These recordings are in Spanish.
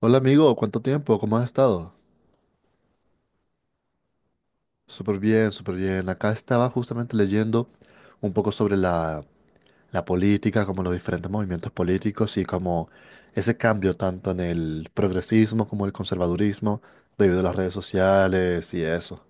Hola amigo, ¿cuánto tiempo? ¿Cómo has estado? Súper bien, súper bien. Acá estaba justamente leyendo un poco sobre la política, como los diferentes movimientos políticos y como ese cambio tanto en el progresismo como el conservadurismo debido a las redes sociales y eso.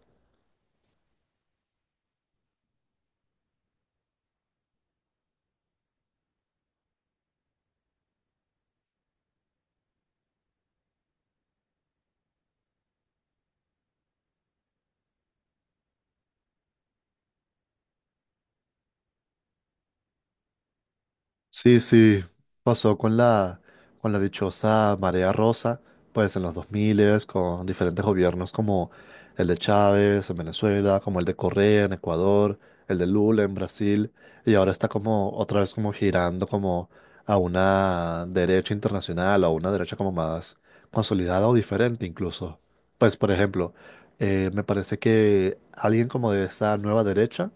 Sí, sí, pasó con con la dichosa marea rosa, pues en los 2000 con diferentes gobiernos como el de Chávez en Venezuela, como el de Correa en Ecuador, el de Lula en Brasil, y ahora está como otra vez como girando como a una derecha internacional, a una derecha como más consolidada o diferente incluso. Pues por ejemplo, me parece que alguien como de esa nueva derecha,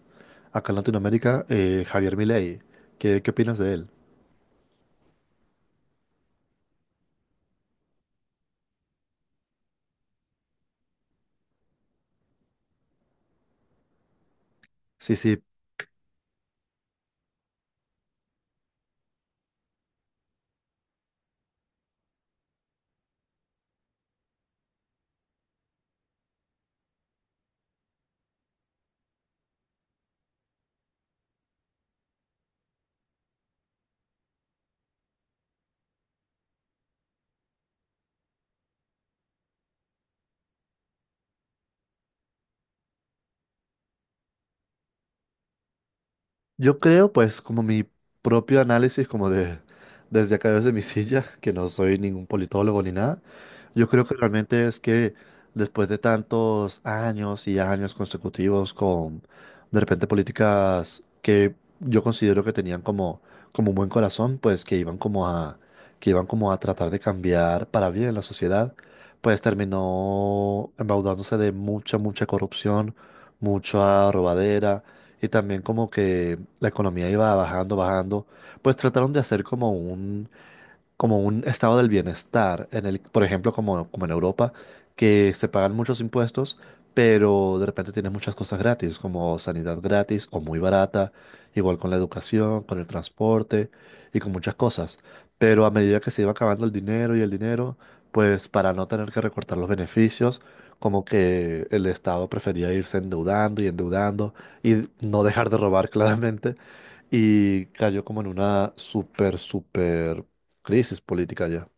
acá en Latinoamérica, Javier Milei, ¿qué opinas de él? Sí, sí. Yo creo, pues, como mi propio análisis, como de desde acá desde mi silla, que no soy ningún politólogo ni nada. Yo creo que realmente es que después de tantos años y años consecutivos con de repente políticas que yo considero que tenían como un buen corazón, pues que iban como que iban como a tratar de cambiar para bien la sociedad, pues terminó embaudándose de mucha, mucha corrupción, mucha robadera y también como que la economía iba bajando, bajando, pues trataron de hacer como un estado del bienestar, en el, por ejemplo, como en Europa, que se pagan muchos impuestos, pero de repente tienes muchas cosas gratis, como sanidad gratis o muy barata, igual con la educación, con el transporte y con muchas cosas. Pero a medida que se iba acabando el dinero y el dinero, pues para no tener que recortar los beneficios, como que el Estado prefería irse endeudando y endeudando y no dejar de robar claramente y cayó como en una súper, súper crisis política ya.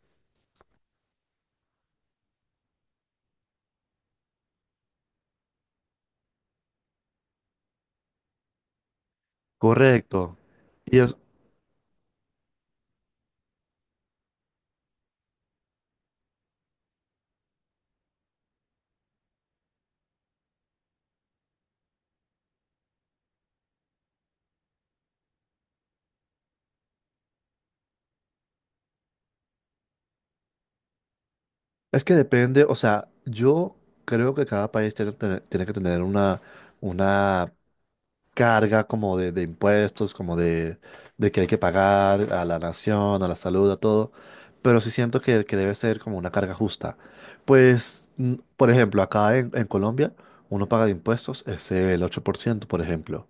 Correcto. Y es, es que depende, o sea, yo creo que cada país tiene que tener una carga como de impuestos, de que hay que pagar a la nación, a la salud, a todo, pero sí siento que debe ser como una carga justa. Pues, por ejemplo, acá en Colombia uno paga de impuestos es el 8% por ejemplo.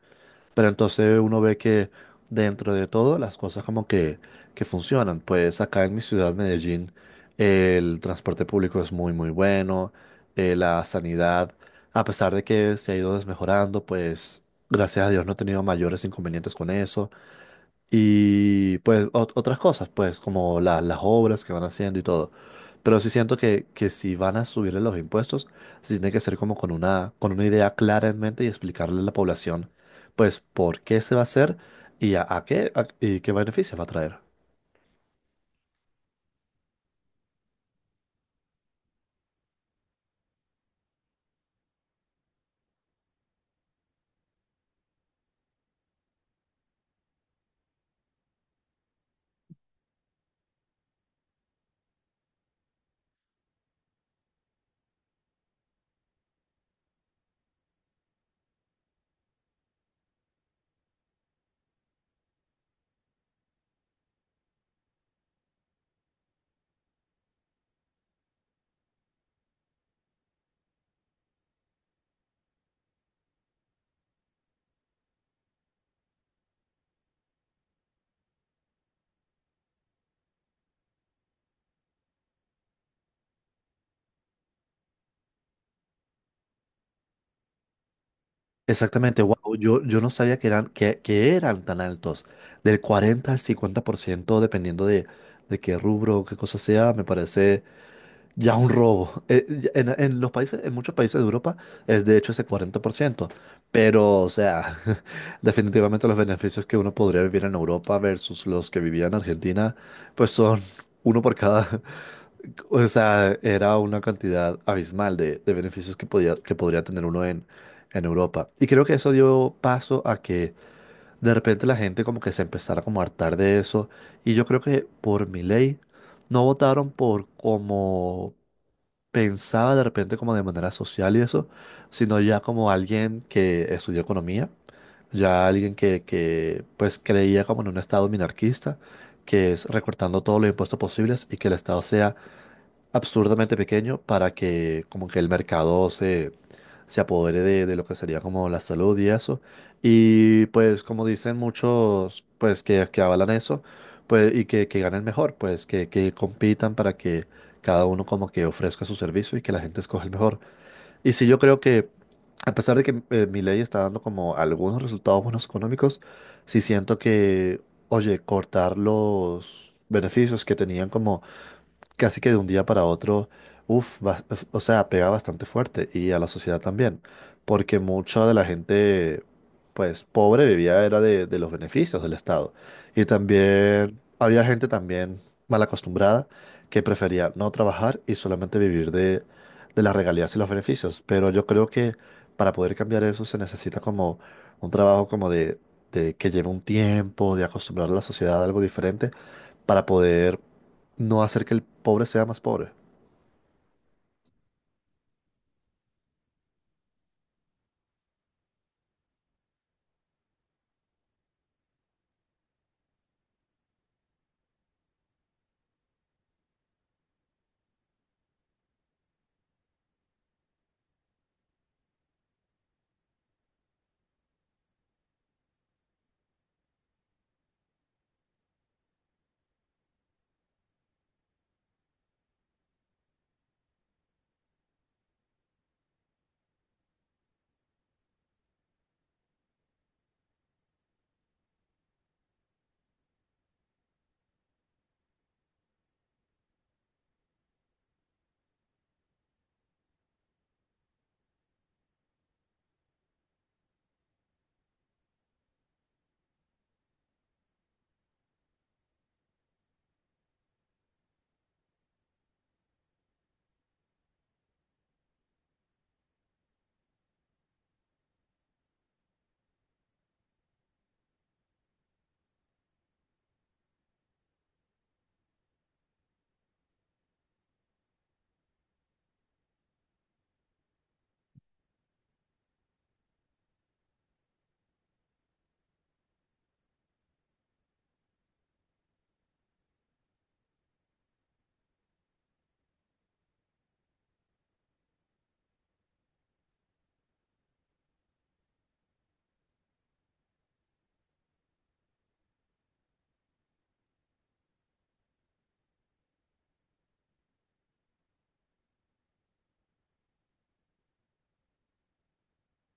Pero entonces uno ve que dentro de todo las cosas como que funcionan. Pues acá en mi ciudad, Medellín, el transporte público es muy, muy bueno. La sanidad, a pesar de que se ha ido desmejorando, pues gracias a Dios no he tenido mayores inconvenientes con eso. Y pues otras cosas, pues como las obras que van haciendo y todo. Pero sí siento que si van a subirle los impuestos, sí tiene que ser como con con una idea clara en mente y explicarle a la población, pues, por qué se va a hacer y y qué beneficios va a traer. Exactamente, wow, yo no sabía que que eran tan altos, del 40 al 50% dependiendo de qué rubro o qué cosa sea, me parece ya un robo. En los países, en muchos países de Europa es de hecho ese 40%. Pero, o sea, definitivamente los beneficios que uno podría vivir en Europa versus los que vivía en Argentina, pues son uno por cada. O sea, era una cantidad abismal de beneficios que podía, que podría tener uno en Europa. Y creo que eso dio paso a que de repente la gente como que se empezara como a hartar de eso. Y yo creo que por mi ley no votaron por como pensaba de repente como de manera social y eso, sino ya como alguien que estudió economía, ya alguien que pues creía como en un estado minarquista, que es recortando todos los impuestos posibles y que el estado sea absurdamente pequeño para que como que el mercado se apodere de lo que sería como la salud y eso. Y pues como dicen muchos pues que avalan eso pues, y que ganen mejor, pues que compitan para que cada uno como que ofrezca su servicio y que la gente escoja el mejor. Y sí, yo creo que a pesar de que mi ley está dando como algunos resultados buenos económicos, sí siento que, oye, cortar los beneficios que tenían como casi que de un día para otro, uff, o sea, pega bastante fuerte y a la sociedad también, porque mucha de la gente, pues, pobre vivía era de los beneficios del Estado. Y también había gente también mal acostumbrada que prefería no trabajar y solamente vivir de las regalías y los beneficios. Pero yo creo que para poder cambiar eso se necesita como un trabajo como de que lleve un tiempo, de acostumbrar a la sociedad a algo diferente para poder no hacer que el pobre sea más pobre.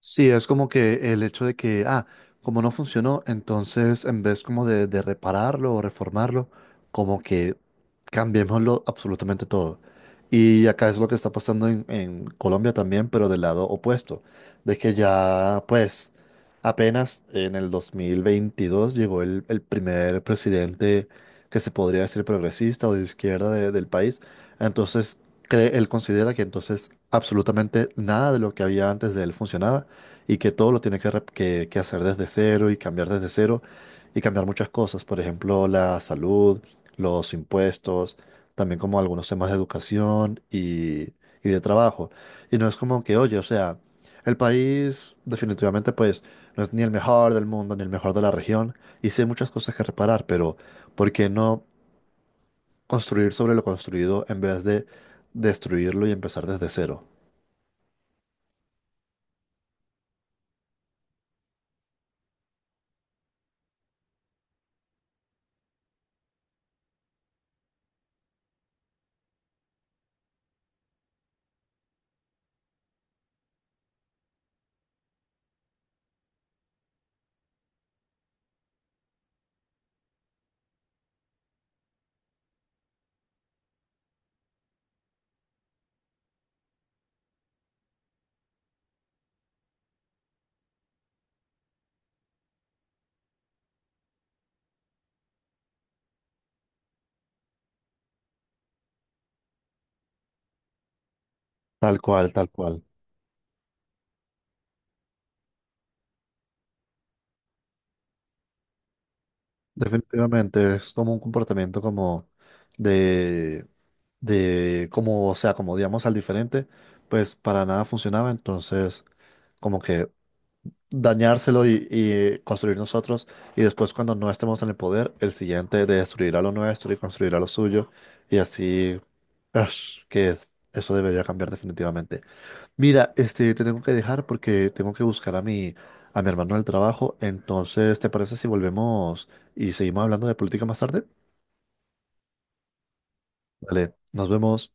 Sí, es como que el hecho de que, ah, como no funcionó, entonces en vez como de repararlo o reformarlo, como que cambiémoslo absolutamente todo. Y acá es lo que está pasando en Colombia también, pero del lado opuesto, de que ya pues apenas en el 2022 llegó el primer presidente que se podría decir progresista o de izquierda del país, entonces él considera que entonces absolutamente nada de lo que había antes de él funcionaba y que todo lo tiene que hacer desde cero y cambiar desde cero y cambiar muchas cosas, por ejemplo, la salud, los impuestos, también como algunos temas de educación y de trabajo. Y no es como que, oye, o sea, el país definitivamente pues no es ni el mejor del mundo ni el mejor de la región y sí hay muchas cosas que reparar, pero ¿por qué no construir sobre lo construido en vez de destruirlo y empezar desde cero? Tal cual, tal cual. Definitivamente, es como un comportamiento como de, o sea, como digamos al diferente, pues para nada funcionaba, entonces como que dañárselo y construir nosotros, y después cuando no estemos en el poder, el siguiente de destruirá lo nuestro y construirá lo suyo, y así, ash, que eso debería cambiar definitivamente. Mira, este, te tengo que dejar porque tengo que buscar a a mi hermano del trabajo. Entonces, ¿te parece si volvemos y seguimos hablando de política más tarde? Vale, nos vemos.